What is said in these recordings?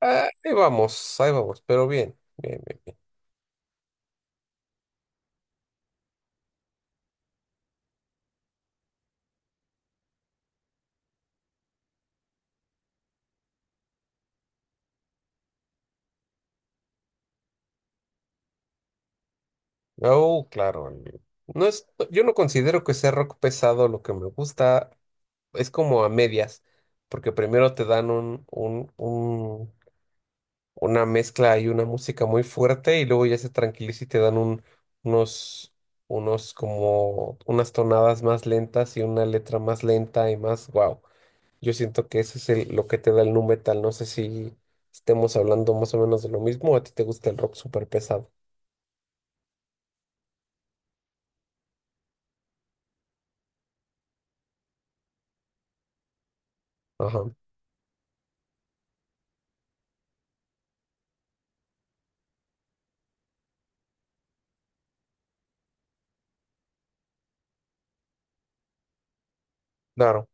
Ah, ahí vamos, ahí vamos, pero bien, bien, bien. Bien. Oh, claro, no es, yo no considero que sea rock pesado, lo que me gusta es como a medias, porque primero te dan una mezcla y una música muy fuerte y luego ya se tranquiliza y te dan unos, unos como unas tonadas más lentas y una letra más lenta y más, wow. Yo siento que eso es lo que te da el nu metal. No sé si estemos hablando más o menos de lo mismo. ¿A ti te gusta el rock súper pesado? Ajá. Claro,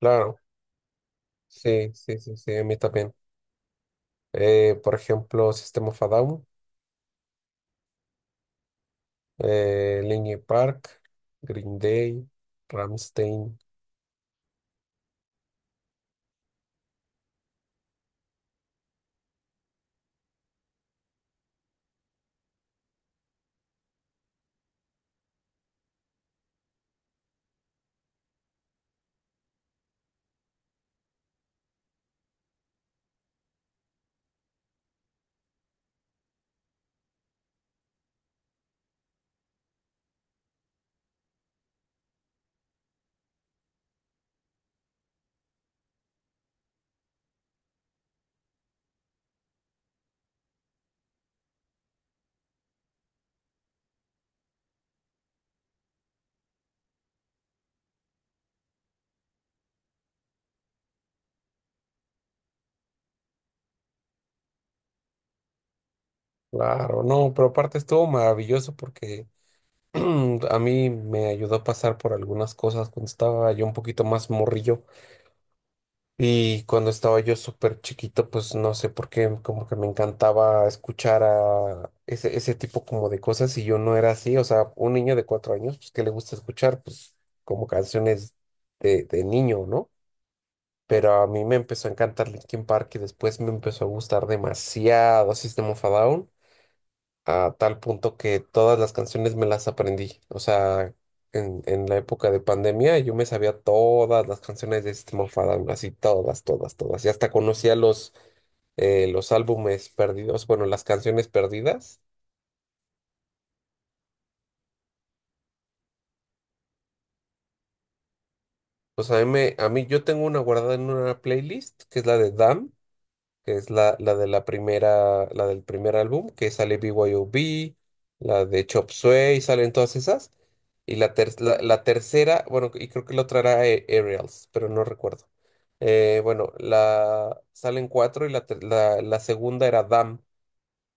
claro. Sí, sí, sí, sí, a mí también. Por ejemplo, System of a Down, Linkin Park, Green Day, Rammstein. Claro, no, pero aparte estuvo maravilloso porque a mí me ayudó a pasar por algunas cosas cuando estaba yo un poquito más morrillo. Y cuando estaba yo súper chiquito, pues no sé por qué, como que me encantaba escuchar a ese tipo como de cosas, y yo no era así, o sea, un niño de 4 años, pues que le gusta escuchar, pues como canciones de niño, ¿no? Pero a mí me empezó a encantar Linkin Park y después me empezó a gustar demasiado System of a Down, a tal punto que todas las canciones me las aprendí. O sea, en la época de pandemia yo me sabía todas las canciones de System of a Down, así todas, todas, todas. Y hasta conocía los álbumes perdidos, bueno, las canciones perdidas. Pues a mí, a mí, yo tengo una guardada en una playlist, que es la de Damn, que es la de la primera, la del primer álbum, que sale BYOB, la de Chop Suey, salen todas esas. Y la tercera, bueno, y creo que la otra era Aerials, pero no recuerdo. Bueno, la salen cuatro y la segunda era Dam,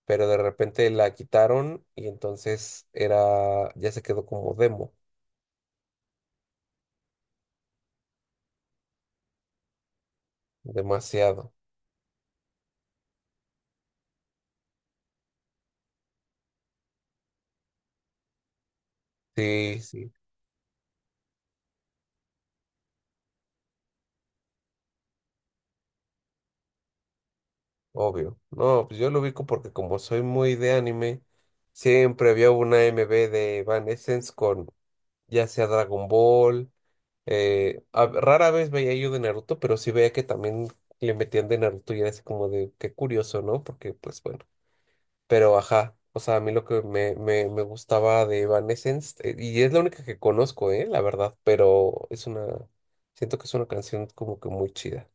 pero de repente la quitaron, y entonces era, ya se quedó como demo, demasiado. Sí, sí. Obvio. No, pues yo lo ubico porque como soy muy de anime, siempre había una MV de Evanescence con ya sea Dragon Ball. A- rara vez veía yo de Naruto, pero sí veía que también le metían de Naruto y era así como de qué curioso, ¿no? Porque pues bueno. Pero ajá, o sea, a mí lo que me gustaba de Evanescence, y es la única que conozco, ¿eh? La verdad. Pero es una, siento que es una canción como que muy chida,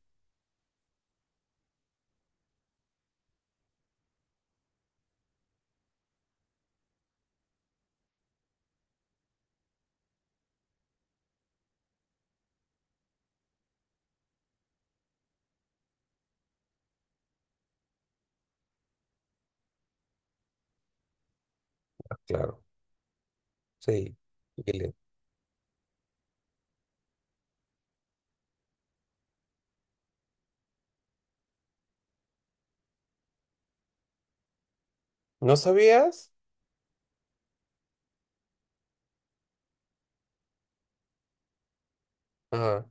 claro. Sí. y le- ¿No sabías? Ajá.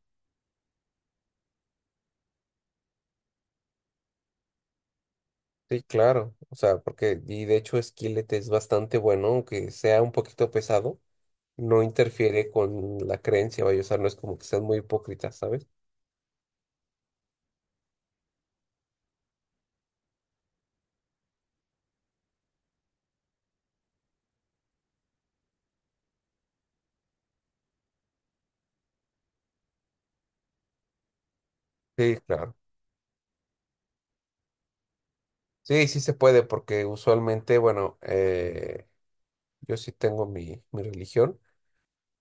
Sí, claro, o sea, porque, y de hecho Skillet es bastante bueno, aunque sea un poquito pesado, no interfiere con la creencia, vaya, o sea, no es como que sean muy hipócritas, ¿sabes? Sí, claro. Sí, sí se puede, porque usualmente, bueno, yo sí tengo mi religión,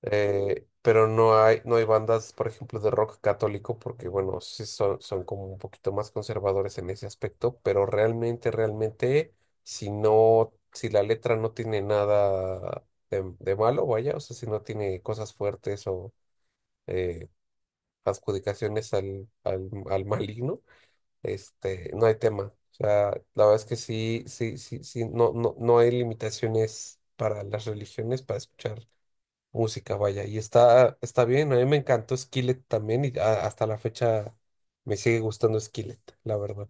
pero no hay, no hay bandas, por ejemplo, de rock católico, porque bueno, sí son, son como un poquito más conservadores en ese aspecto, pero realmente, realmente, si no, si la letra no tiene nada de malo, vaya, o sea, si no tiene cosas fuertes o eh, adjudicaciones al maligno, este, no hay tema. O sea, la verdad es que sí, sí, sí, sí, no, no, no hay limitaciones para las religiones para escuchar música, vaya. Y está, está bien, a mí me encantó Skillet también, y hasta la fecha me sigue gustando Skillet, la verdad.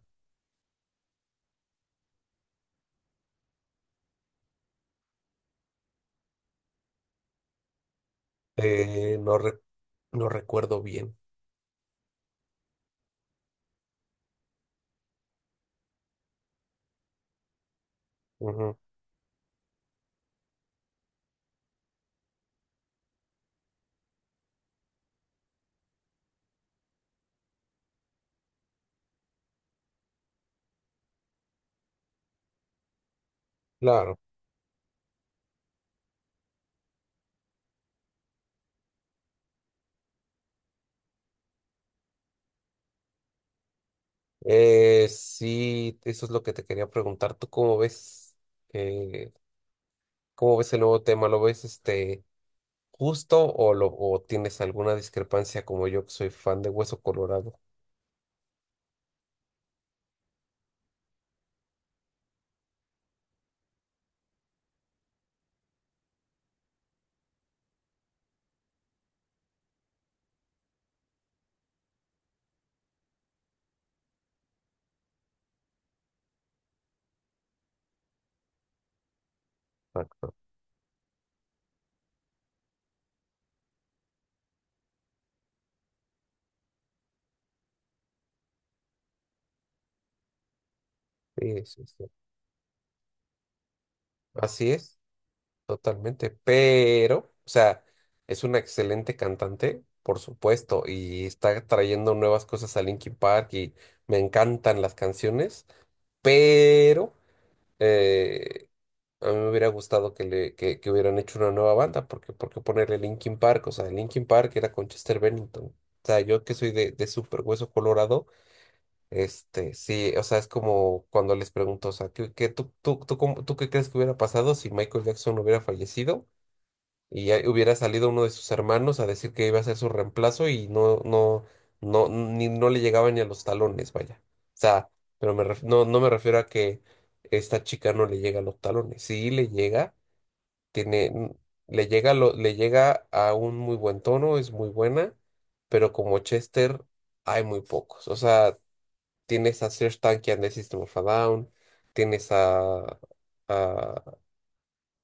Eh, no, re- no recuerdo bien. Ujú. Claro. Sí, eso es lo que te quería preguntar. ¿Tú eh, cómo ves el nuevo tema? ¿Lo ves este justo, o lo o tienes alguna discrepancia como yo, que soy fan de Hueso Colorado? Exacto. Sí, sí, sí. Así es. Totalmente, pero, o sea, es una excelente cantante, por supuesto, y está trayendo nuevas cosas a Linkin Park y me encantan las canciones, pero eh, a mí me hubiera gustado que hubieran hecho una nueva banda, porque ¿por qué ponerle Linkin Park? O sea, Linkin Park era con Chester Bennington. O sea, yo que soy de súper hueso colorado, este, sí, o sea, es como cuando les pregunto, o sea, ¿qué, qué tú, tú, tú, cómo- tú ¿qué crees que hubiera pasado si Michael Jackson hubiera fallecido? Y ahí hubiera salido uno de sus hermanos a decir que iba a ser su reemplazo, y no, no, no, ni, no le llegaba ni a los talones, vaya. O sea, pero no, no me refiero a que esta chica no le llega a los talones. Sí le llega, tiene, mm, le llega, lo, le llega a un muy buen tono, es muy buena, pero como Chester hay muy pocos. O sea, tienes a Serj Tankian de System of a Down, tienes a... A,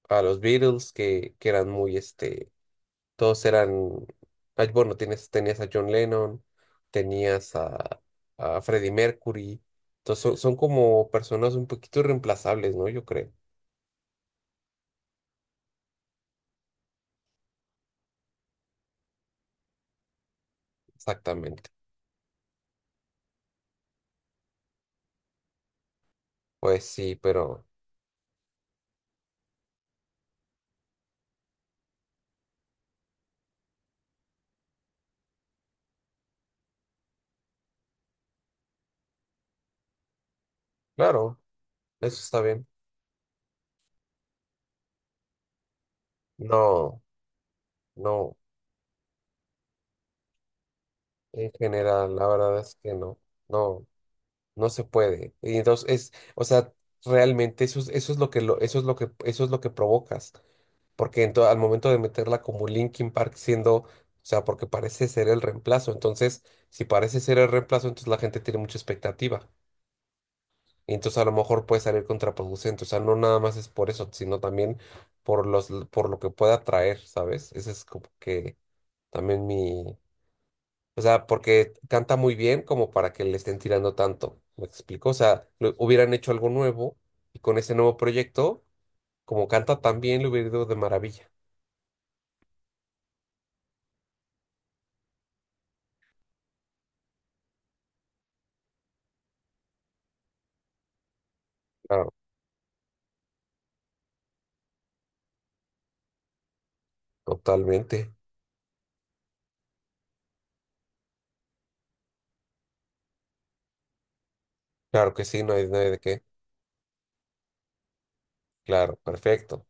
a los Beatles, que eran muy este, todos eran, ay, bueno, tienes, tenías a John Lennon, tenías a Freddie Mercury. Entonces son, son como personas un poquito irreemplazables, ¿no? Yo creo, exactamente. Pues sí, pero claro, eso está bien. No, no, en general, la verdad es que no, no, no se puede. Y entonces es, o sea, realmente eso es lo que lo, eso es lo que, eso es lo que provocas. Porque en al momento de meterla como Linkin Park siendo, o sea, porque parece ser el reemplazo, entonces, si parece ser el reemplazo, entonces la gente tiene mucha expectativa. Y entonces a lo mejor puede salir contraproducente, o sea, no nada más es por eso, sino también por los, por lo que pueda traer, ¿sabes? Ese es como que también mi, o sea, porque canta muy bien como para que le estén tirando tanto, ¿me explico? O sea, hubieran hecho algo nuevo, y con ese nuevo proyecto, como canta tan bien, le hubiera ido de maravilla. Claro, totalmente. Claro que sí, no hay, no hay de qué. Claro, perfecto.